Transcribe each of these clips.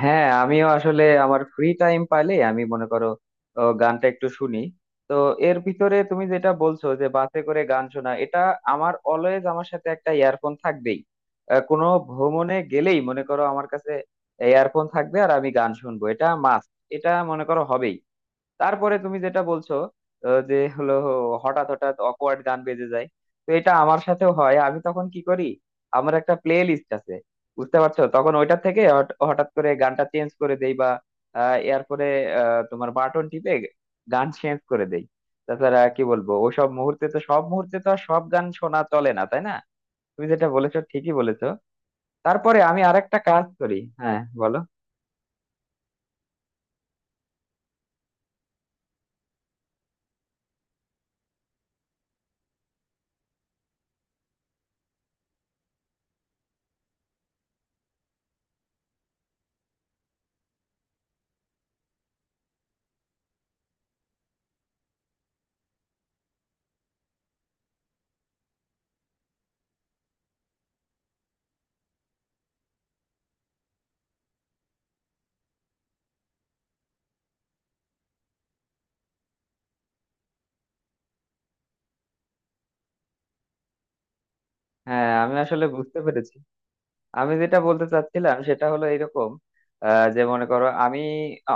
হ্যাঁ, আমিও আসলে আমার ফ্রি টাইম পাইলে আমি মনে করো, ও, গানটা একটু শুনি। তো এর ভিতরে তুমি যেটা বলছো যে বাসে করে গান শোনা, এটা আমার অলওয়েজ আমার সাথে একটা ইয়ারফোন থাকবেই। কোনো ভ্রমণে গেলেই মনে করো আমার কাছে ইয়ারফোন থাকবে আর আমি গান শুনবো, এটা মাস্ট, এটা মনে করো হবেই। তারপরে তুমি যেটা বলছো যে হলো হঠাৎ হঠাৎ অকওয়ার্ড গান বেজে যায়। তো এটা আমার সাথেও হয়, আমি তখন কি করি, আমার একটা প্লে লিস্ট আছে, বুঝতে পারছো? তখন ওইটা থেকে হঠাৎ করে গানটা চেঞ্জ করে দেই, বা এরপরে তোমার বাটন টিপে গান চেঞ্জ করে দেই। তাছাড়া কি বলবো, ওসব মুহূর্তে তো, সব মুহূর্তে তো আর সব গান শোনা চলে না, তাই না? তুমি যেটা বলেছো ঠিকই বলেছো। তারপরে আমি আরেকটা কাজ করি। হ্যাঁ, বলো। হ্যাঁ, আমি আসলে বুঝতে পেরেছি। আমি যেটা বলতে চাচ্ছিলাম সেটা হলো এরকম, যে মনে করো আমি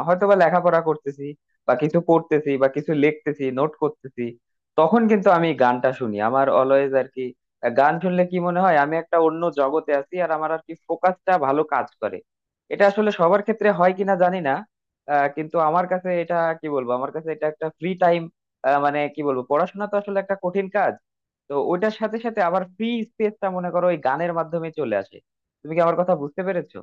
হয়তো বা লেখাপড়া করতেছি, বা কিছু পড়তেছি, বা কিছু লিখতেছি, নোট করতেছি, তখন কিন্তু আমি গানটা শুনি আমার অলওয়েজ আর কি। গান শুনলে কি মনে হয়, আমি একটা অন্য জগতে আছি আর আমার আর কি ফোকাসটা ভালো কাজ করে। এটা আসলে সবার ক্ষেত্রে হয় কিনা জানি না। কিন্তু আমার কাছে এটা, কি বলবো, আমার কাছে এটা একটা ফ্রি টাইম। মানে কি বলবো, পড়াশোনা তো আসলে একটা কঠিন কাজ। তো ওইটার সাথে সাথে আবার ফ্রি স্পেসটা মনে করো ওই গানের মাধ্যমে চলে আসে। তুমি কি আমার কথা বুঝতে পেরেছো?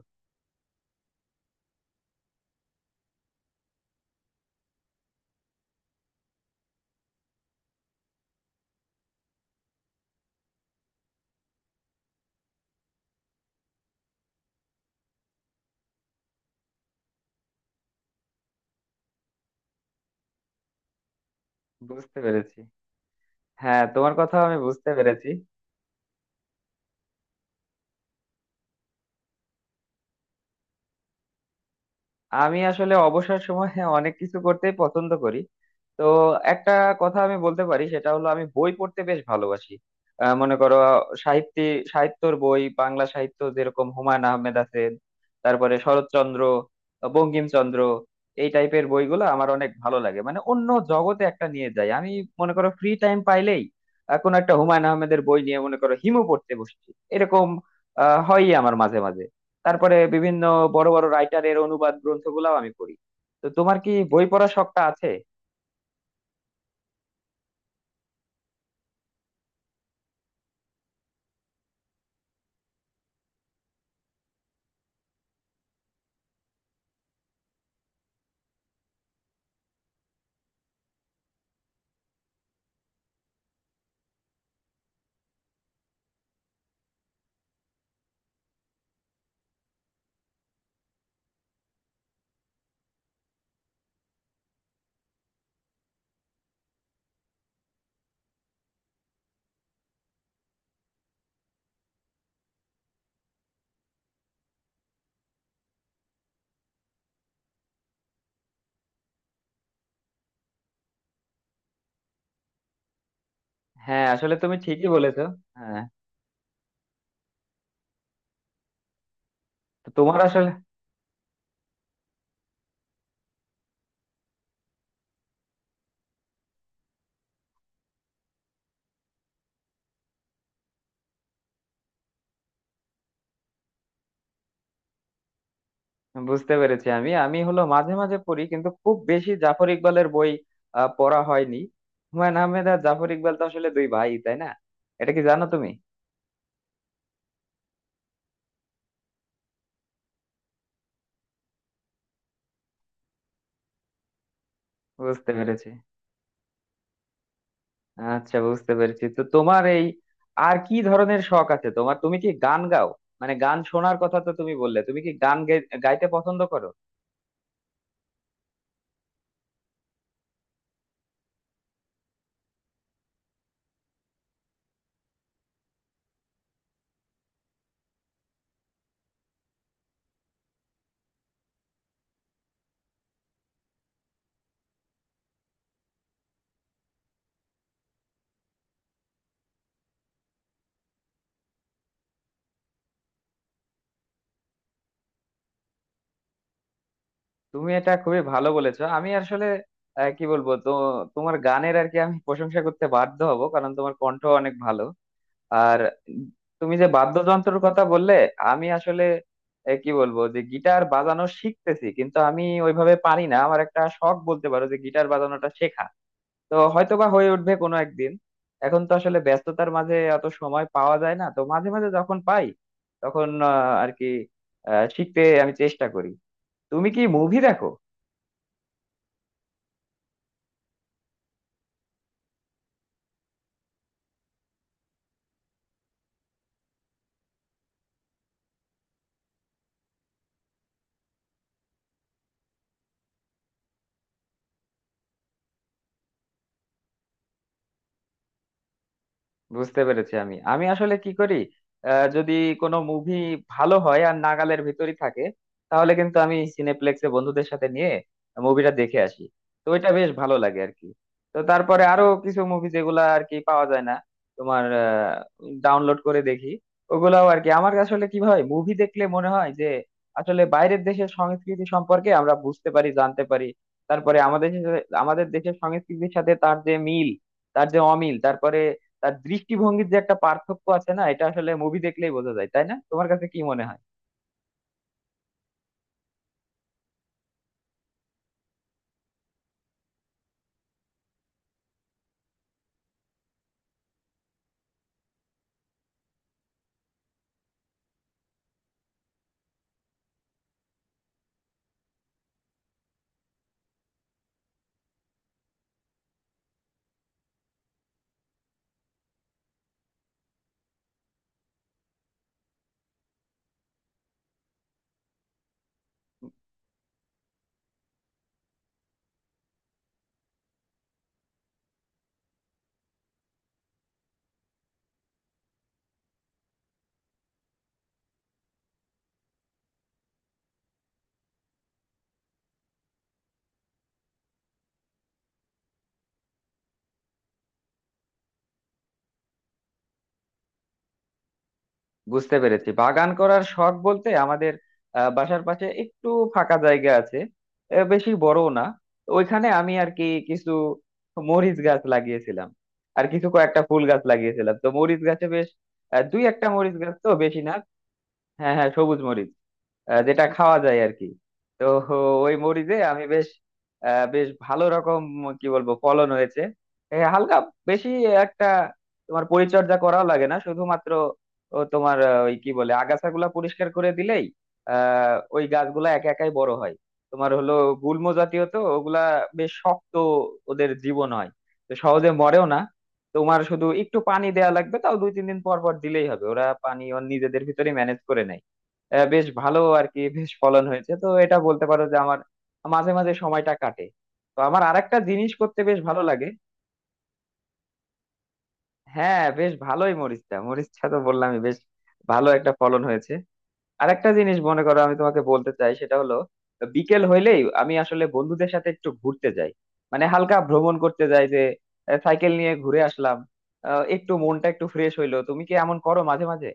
বুঝতে পেরেছি। হ্যাঁ, তোমার কথা আমি বুঝতে পেরেছি। আমি আসলে অবসর সময়ে অনেক কিছু করতেই পছন্দ করি। তো একটা কথা আমি বলতে পারি সেটা হলো, আমি বই পড়তে বেশ ভালোবাসি। মনে করো সাহিত্য, সাহিত্যর বই, বাংলা সাহিত্য যেরকম হুমায়ুন আহমেদ আছেন, তারপরে শরৎচন্দ্র, বঙ্কিমচন্দ্র, এই টাইপের বইগুলো আমার অনেক ভালো লাগে, মানে অন্য জগতে একটা নিয়ে যায় আমি। মনে করো ফ্রি টাইম পাইলেই কোনো একটা হুমায়ুন আহমেদের বই নিয়ে মনে করো হিমু পড়তে বসছি, এরকম হয়ই আমার মাঝে মাঝে। তারপরে বিভিন্ন বড় বড় রাইটারের অনুবাদ গ্রন্থগুলাও আমি পড়ি। তো তোমার কি বই পড়ার শখটা আছে? হ্যাঁ, আসলে তুমি ঠিকই বলেছো। হ্যাঁ। তো তোমার আসলে বুঝতে পেরেছি। আমি আমি হলো মাঝে মাঝে পড়ি কিন্তু খুব বেশি জাফর ইকবালের বই পড়া হয়নি। হুমায়ুন আহমেদ আর জাফর ইকবাল তো আসলে দুই ভাই, তাই না? এটা কি জানো তুমি? বুঝতে পেরেছি। আচ্ছা, বুঝতে পেরেছি। তো তোমার এই আর কি ধরনের শখ আছে, তোমার তুমি কি গান গাও? মানে গান শোনার কথা তো তুমি বললে, তুমি কি গান গাইতে পছন্দ করো? তুমি এটা খুবই ভালো বলেছো। আমি আসলে কি বলবো, তো তোমার গানের আর কি আমি প্রশংসা করতে বাধ্য হব, কারণ তোমার কণ্ঠ অনেক ভালো। আর তুমি যে বাদ্যযন্ত্রের কথা বললে, আমি আসলে কি বলবো, যে গিটার বাজানো শিখতেছি কিন্তু আমি ওইভাবে পারি না, আমার একটা শখ বলতে পারো যে গিটার বাজানোটা শেখা। তো হয়তো বা হয়ে উঠবে কোনো একদিন। এখন তো আসলে ব্যস্ততার মাঝে অত সময় পাওয়া যায় না, তো মাঝে মাঝে যখন পাই তখন আর কি শিখতে আমি চেষ্টা করি। তুমি কি মুভি দেখো? বুঝতে পেরেছি। আমি আমি আসলে কি করি, যদি কোনো মুভি ভালো হয় আর নাগালের ভিতরই থাকে, তাহলে কিন্তু আমি সিনেপ্লেক্সে বন্ধুদের সাথে নিয়ে মুভিটা দেখে আসি। তো এটা বেশ ভালো লাগে আর কি। তো তারপরে আরো কিছু মুভি যেগুলা আর কি পাওয়া যায় না তোমার, ডাউনলোড করে দেখি। ওগুলাও আর কি, আমার আসলে কি হয়, মুভি দেখলে মনে হয় যে আসলে বাইরের দেশের সংস্কৃতি সম্পর্কে আমরা বুঝতে পারি, জানতে পারি। তারপরে আমাদের আমাদের দেশের সংস্কৃতির সাথে তার যে মিল, তার যে অমিল, তারপরে তার দৃষ্টিভঙ্গির যে একটা পার্থক্য আছে না, এটা আসলে মুভি দেখলেই বোঝা যায়, তাই না? তোমার কাছে কি মনে হয়? বুঝতে পেরেছি। বাগান করার শখ বলতে, আমাদের বাসার পাশে একটু ফাঁকা জায়গা আছে, বেশি বড়ও না। তো ওইখানে আমি আর কি কিছু মরিচ গাছ লাগিয়েছিলাম, আর কিছু কয়েকটা ফুল গাছ লাগিয়েছিলাম। তো মরিচ গাছে বেশ দুই একটা মরিচ গাছ, তো বেশি না। হ্যাঁ, হ্যাঁ, সবুজ মরিচ। যেটা খাওয়া যায় আর কি। তো ওই মরিচে আমি বেশ বেশ ভালো রকম, কি বলবো, ফলন হয়েছে। হালকা বেশি একটা তোমার পরিচর্যা করাও লাগে না, শুধুমাত্র ও তোমার ওই কি বলে, আগাছাগুলা পরিষ্কার করে দিলেই ওই গাছগুলা একা একাই বড় হয়। তোমার হলো গুল্ম জাতীয়, তো ওগুলা বেশ শক্ত, ওদের জীবন হয়, তো সহজে মরেও না। তোমার শুধু একটু পানি দেওয়া লাগবে, তাও দুই তিন দিন পর পর দিলেই হবে, ওরা পানি ওর নিজেদের ভিতরে ম্যানেজ করে নেয়। বেশ ভালো আর কি, বেশ ফলন হয়েছে। তো এটা বলতে পারো যে আমার মাঝে মাঝে সময়টা কাটে। তো আমার আরেকটা জিনিস করতে বেশ ভালো লাগে। হ্যাঁ, বেশ ভালোই মরিচটা মরিচটা তো বললামই, বেশ ভালো একটা ফলন হয়েছে। আরেকটা জিনিস মনে করো আমি তোমাকে বলতে চাই, সেটা হলো বিকেল হইলেই আমি আসলে বন্ধুদের সাথে একটু ঘুরতে যাই, মানে হালকা ভ্রমণ করতে যাই যে সাইকেল নিয়ে ঘুরে আসলাম, একটু মনটা একটু ফ্রেশ হইলো। তুমি কি এমন করো মাঝে মাঝে?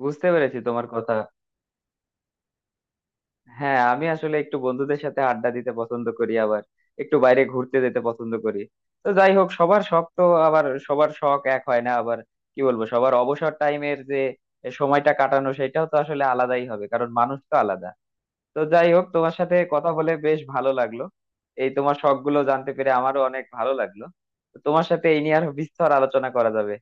বুঝতে পেরেছি তোমার কথা। হ্যাঁ, আমি আসলে একটু বন্ধুদের সাথে আড্ডা দিতে পছন্দ করি, আবার একটু বাইরে ঘুরতে যেতে পছন্দ করি। তো যাই হোক, সবার শখ তো, আবার সবার শখ এক হয় না, আবার কি বলবো, সবার অবসর টাইমের যে সময়টা কাটানো, সেটাও তো আসলে আলাদাই হবে, কারণ মানুষ তো আলাদা। তো যাই হোক, তোমার সাথে কথা বলে বেশ ভালো লাগলো। এই তোমার শখ গুলো জানতে পেরে আমারও অনেক ভালো লাগলো। তো তোমার সাথে এই নিয়ে আরো বিস্তর আলোচনা করা যাবে।